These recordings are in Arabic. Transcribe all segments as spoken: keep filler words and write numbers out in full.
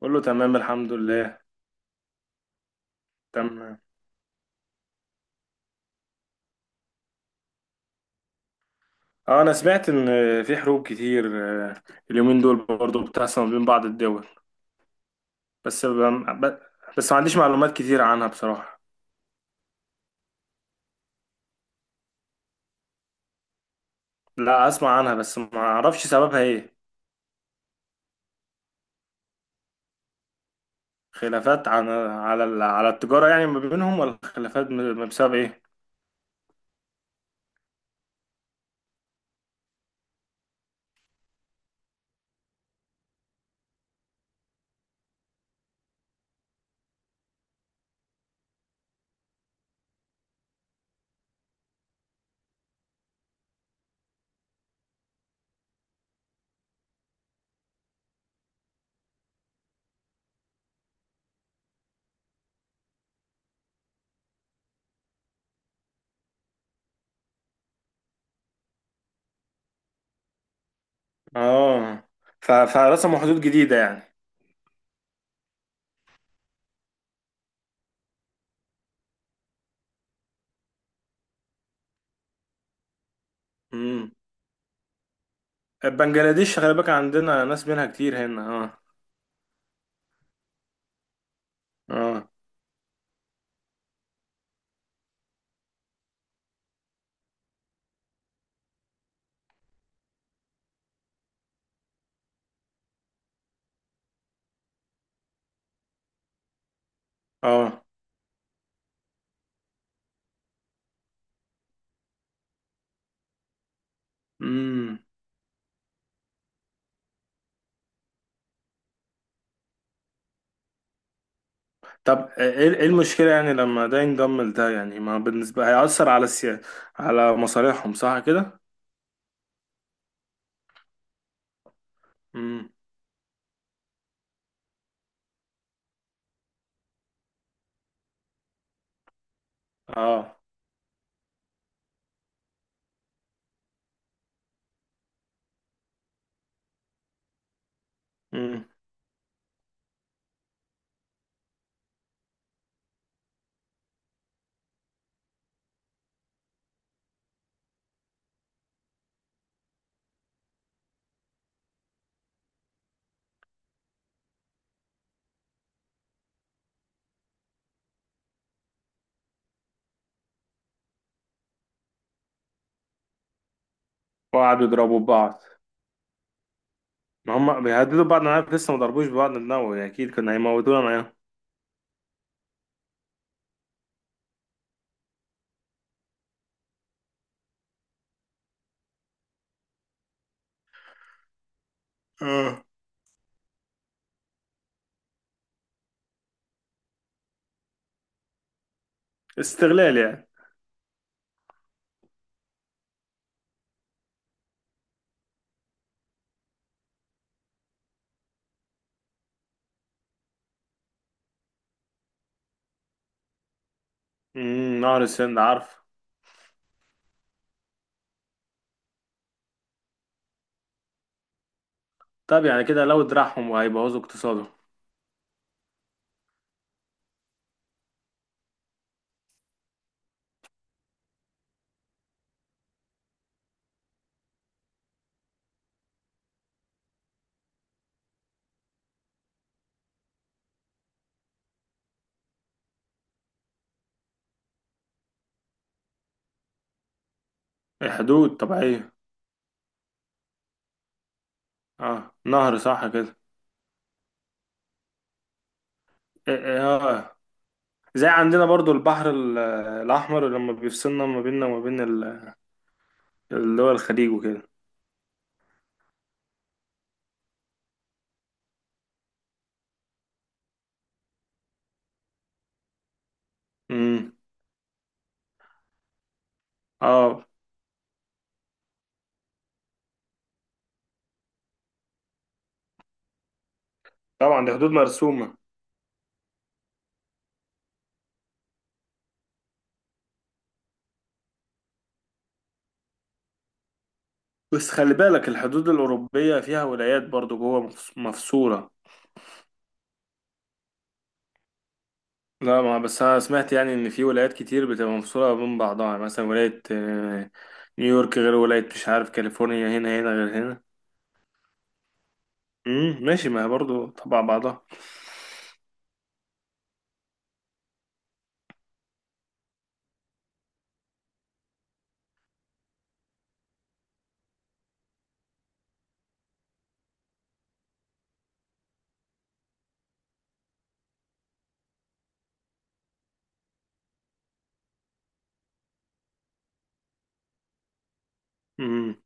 كله تمام الحمد لله. تمام. اه، انا سمعت ان في حروب كتير، آه، اليومين دول برضو بتحصل ما بين بعض الدول. بس ب- ب- بس ما عنديش معلومات كتير عنها بصراحة. لا، اسمع عنها بس ما اعرفش سببها ايه. خلافات عن على ال- على التجارة يعني ما بينهم، ولا خلافات م- بسبب ايه؟ اه، ف- فرسموا حدود جديدة يعني. امم بنجلاديش، خلي بالك عندنا ناس منها كتير هنا. اه. اه. اه. امم. طب، ايه، إيه المشكلة يعني لما ده ينضم لده؟ يعني ما بالنسبة هيأثر على السيا... على مصالحهم، صح كده؟ امم. اه. امم. وقعدوا يضربوا بعض. ما هم بيهددوا بعض، انا عارف لسه ما ضربوش بعض بنووي، اكيد كنا هيموتونا معاهم. اه، استغلال يعني. امم نهر السند عارف. طب يعني كده لو دراعهم، وهيبوظوا اقتصادهم. الحدود طبيعية. اه، نهر، صح كده. إيه- إيه، اه. زي عندنا برضو البحر ال- الأحمر لما بيفصلنا ما بيننا وما بين ال- اللي هو الخليج وكده. امم. اه طبعا، دي حدود مرسومة. بس خلي بالك الحدود الأوروبية فيها ولايات برضو جوه مفص- مفصولة. لا، ما بس أنا سمعت يعني إن في ولايات كتير بتبقى مفصولة بين بعضها، يعني مثلا ولاية آه، نيويورك غير ولاية مش عارف كاليفورنيا، هنا هنا غير هنا. امم ماشي، ما هي برضو تبع بعضها. امم.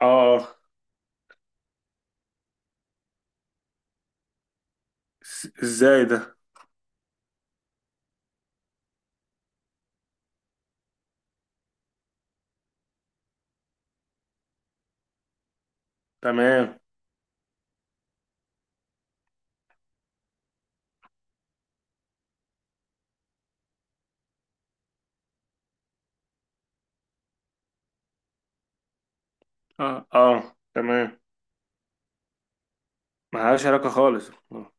اه. آه. إز- ازاي ده؟ تمام. اه. اه تمام. ملهاش علاقة خالص، آه.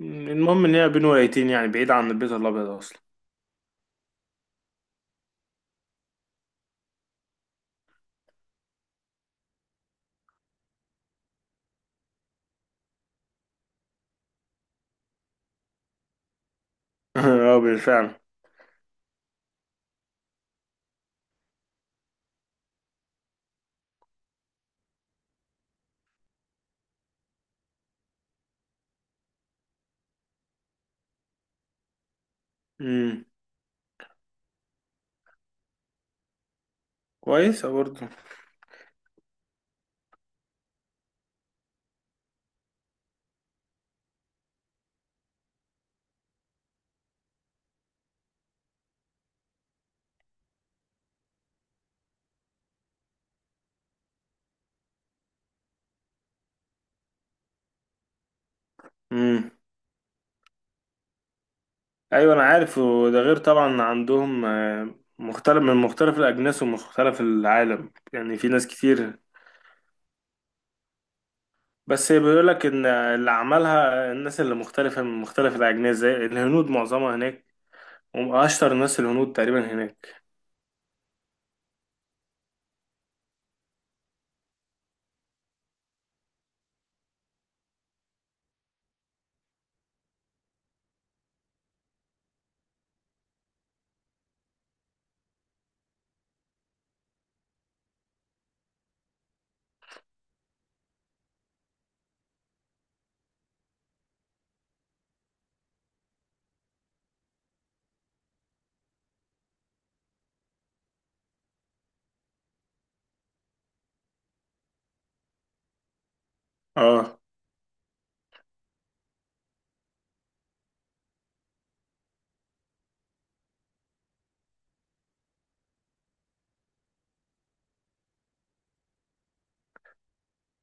المهم إن هي بين ولايتين، يعني بعيد عن البيت الأبيض أصلا. اه، بالفعل. كويسة برضه. امم ايوه انا عارف. وده غير طبعا عندهم آه، مختلف من مختلف الاجناس ومختلف العالم، يعني في ناس كتير. بس بيقول لك ان اللي عملها الناس اللي مختلفة من مختلف الاجناس زي الهنود معظمها هناك، واشطر الناس الهنود تقريبا هناك. اه.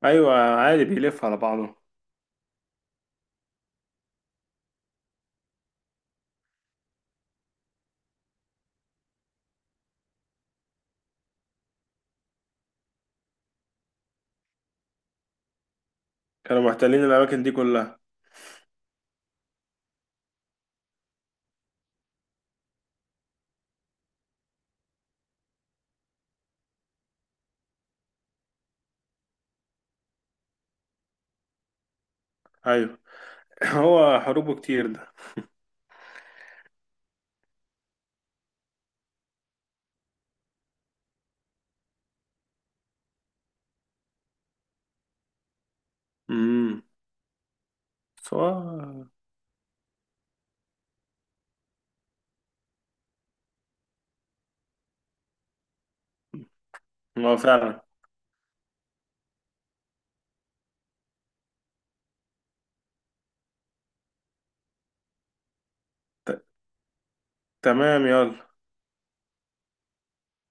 ايوه، عادي بيلف على بعضه. كانوا محتلين الاماكن دي كلها. ايوه. هو حروبه كتير ده. امم. سواء. هو فعلا. ت- تمام، يلا.